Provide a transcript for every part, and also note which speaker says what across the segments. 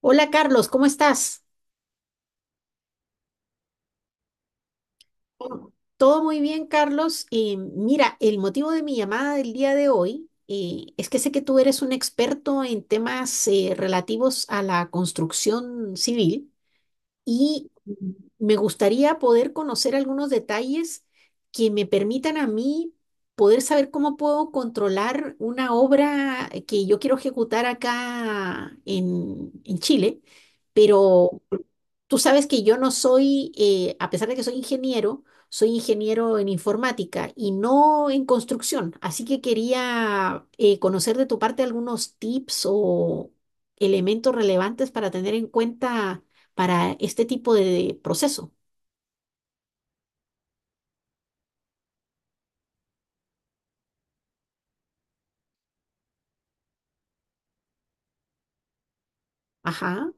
Speaker 1: Hola Carlos, ¿cómo estás? Oh. Todo muy bien, Carlos. Mira, el motivo de mi llamada del día de hoy es que sé que tú eres un experto en temas relativos a la construcción civil y me gustaría poder conocer algunos detalles que me permitan a mí poder saber cómo puedo controlar una obra que yo quiero ejecutar acá en Chile, pero tú sabes que yo no soy, a pesar de que soy ingeniero en informática y no en construcción. Así que quería conocer de tu parte algunos tips o elementos relevantes para tener en cuenta para este tipo de proceso. Ajá,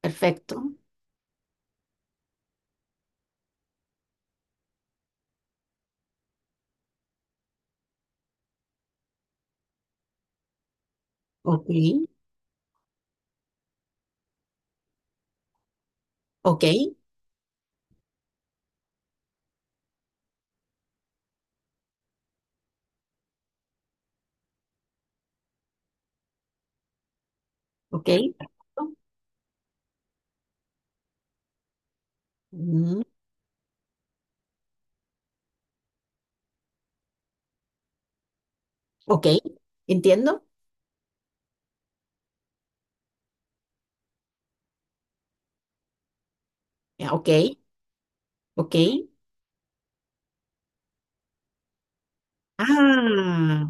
Speaker 1: perfecto. Ok, ok, ok, perfecto. Mm, ok, entiendo. Ya, ok, ok. Ah,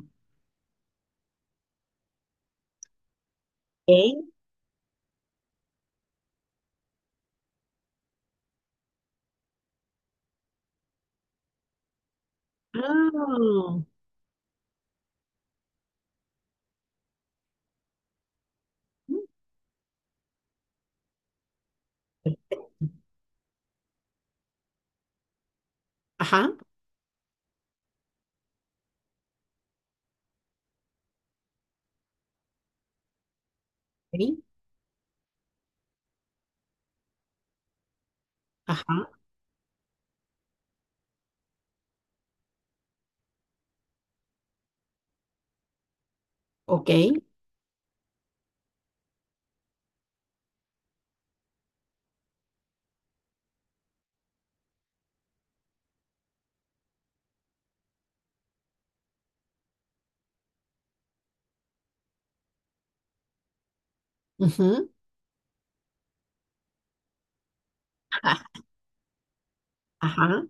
Speaker 1: ok. Ah, mm, ajá. Ok, ajá, ok. Ujú, ajá, ajá.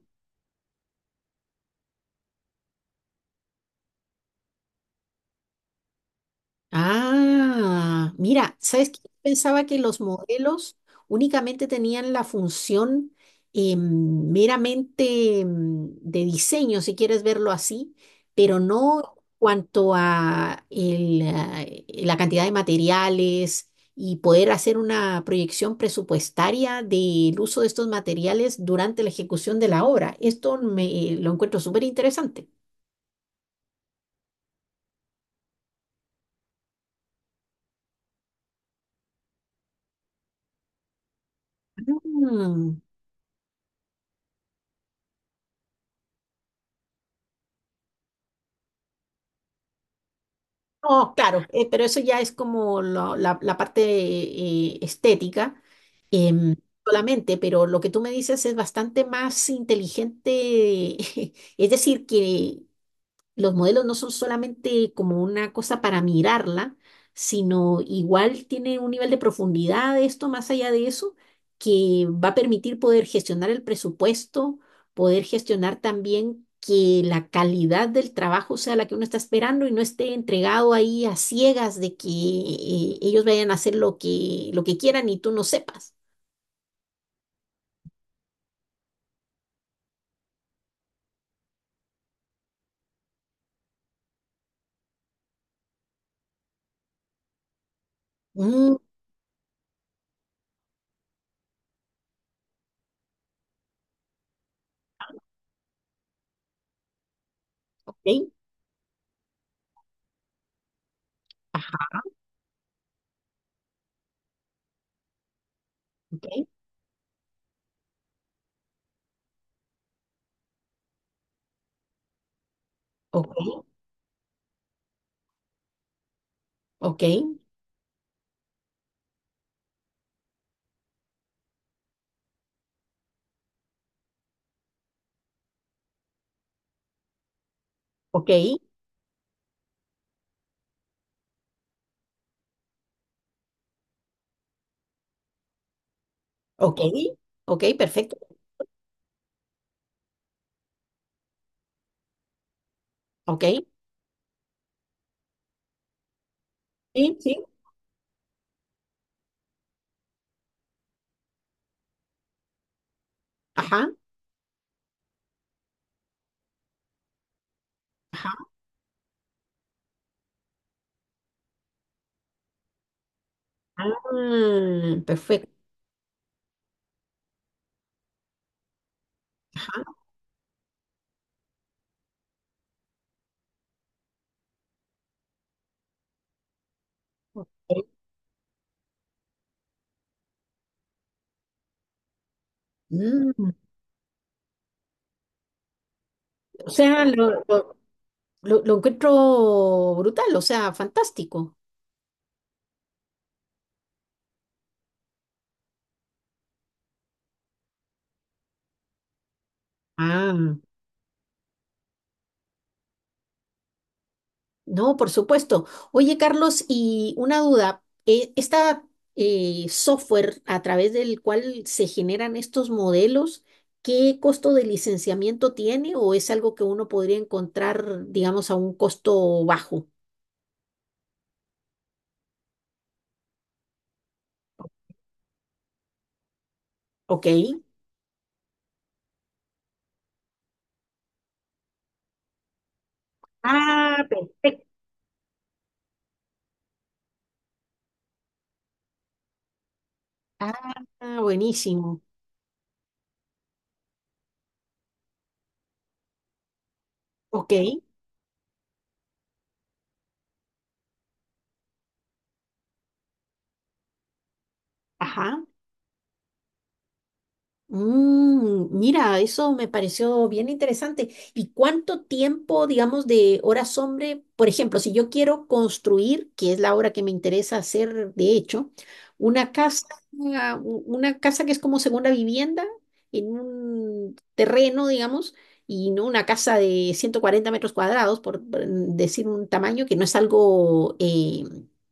Speaker 1: Ah, mira, ¿sabes qué? Pensaba que los modelos únicamente tenían la función meramente de diseño, si quieres verlo así, pero no cuanto a el, ah, la cantidad de materiales y poder hacer una proyección presupuestaria del uso de estos materiales durante la ejecución de la obra. Lo encuentro súper interesante. Mm. No, claro, pero eso ya es como la parte estética em, solamente, pero lo que tú me dices es bastante más inteligente, es decir, que los modelos no son solamente como una cosa para mirarla, sino igual tiene un nivel de profundidad de esto, más allá de eso, que va a permitir poder gestionar el presupuesto, poder gestionar también que la calidad del trabajo sea la que uno está esperando y no esté entregado ahí a ciegas de que ellos vayan a hacer lo que quieran y tú no sepas. Mm, ok, ajá, ok, ok, ok, ok, ok, ok, perfecto, ok. Sí, sí, ajá, ajá. Ah, perfecto. Ajá, ok. Mm, o sea, lo encuentro brutal, o sea, fantástico. Ah, no, por supuesto. Oye, Carlos, y una duda, esta software a través del cual se generan estos modelos, ¿qué costo de licenciamiento tiene o es algo que uno podría encontrar, digamos, a un costo bajo? Ok. Ah, perfecto. Ah, buenísimo. Ok. Ajá. Mm, mira, eso me pareció bien interesante. ¿Y cuánto tiempo, digamos, de horas hombre? Por ejemplo, si yo quiero construir, que es la obra que me interesa hacer, de hecho, una casa, una casa que es como segunda vivienda en un terreno, digamos, y no una casa de 140 metros cuadrados, por decir un tamaño que no es algo eh,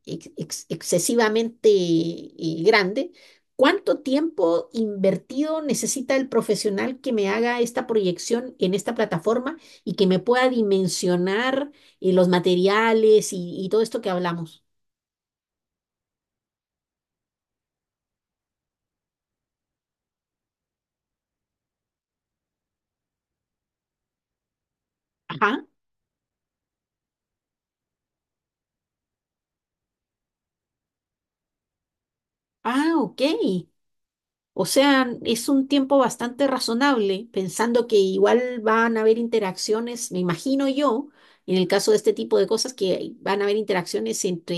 Speaker 1: ex- ex- excesivamente grande. ¿Cuánto tiempo invertido necesita el profesional que me haga esta proyección en esta plataforma y que me pueda dimensionar los materiales y todo esto que hablamos? Ajá. Ah, ok. O sea, es un tiempo bastante razonable, pensando que igual van a haber interacciones, me imagino yo, en el caso de este tipo de cosas, que van a haber interacciones entre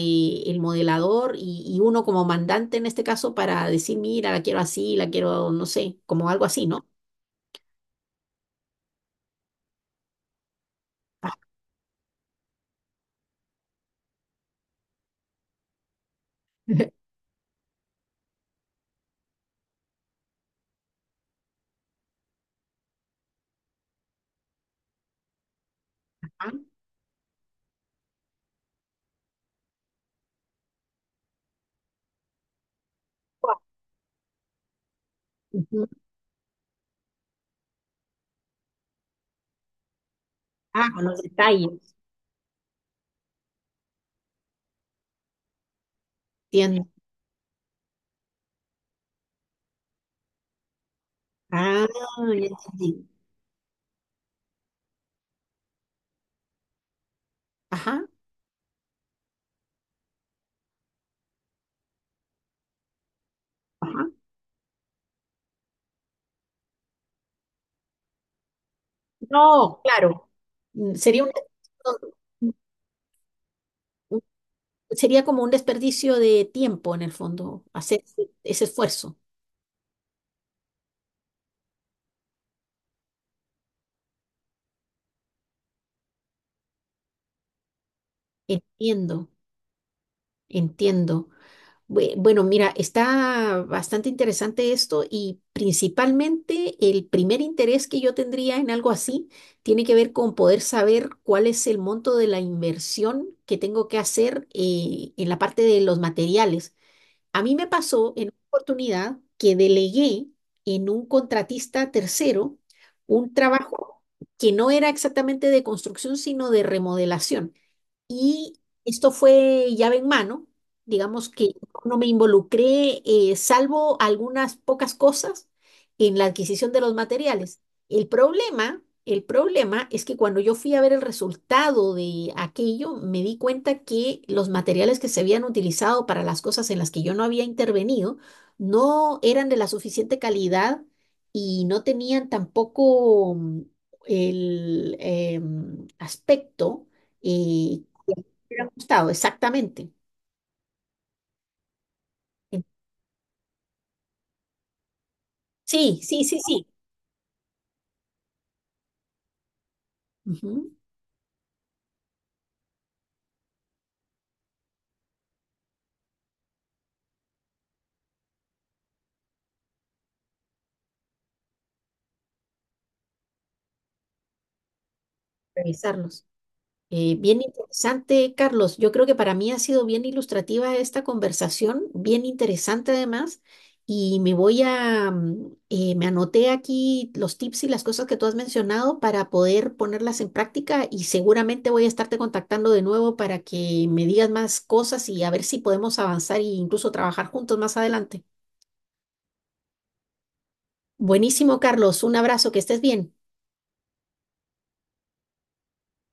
Speaker 1: el modelador y uno como mandante en este caso para decir, mira, la quiero así, la quiero, no sé, como algo así, ¿no? Ah, ah, ujú. Ah, con los detalles, entiendo. Ah, ya entendí. Ajá, ajá. No, claro. Mm, sería como un desperdicio de tiempo en el fondo, hacer ese esfuerzo. Entiendo, entiendo. Bueno, mira, está bastante interesante esto y principalmente el primer interés que yo tendría en algo así tiene que ver con poder saber cuál es el monto de la inversión que tengo que hacer en la parte de los materiales. A mí me pasó en una oportunidad que delegué en un contratista tercero un trabajo que no era exactamente de construcción, sino de remodelación. Y esto fue llave en mano, digamos que no me involucré, salvo algunas pocas cosas, en la adquisición de los materiales. El problema es que cuando yo fui a ver el resultado de aquello, me di cuenta que los materiales que se habían utilizado para las cosas en las que yo no había intervenido no eran de la suficiente calidad y no tenían tampoco el aspecto eh, me hubiera gustado, exactamente. Sí, sí, sí, sí. Ujú, revisarlos. Bien interesante, Carlos. Yo creo que para mí ha sido bien ilustrativa esta conversación, bien interesante además. Y me voy a, me anoté aquí los tips y las cosas que tú has mencionado para poder ponerlas en práctica y seguramente voy a estarte contactando de nuevo para que me digas más cosas y a ver si podemos avanzar e incluso trabajar juntos más adelante. Buenísimo, Carlos. Un abrazo, que estés bien.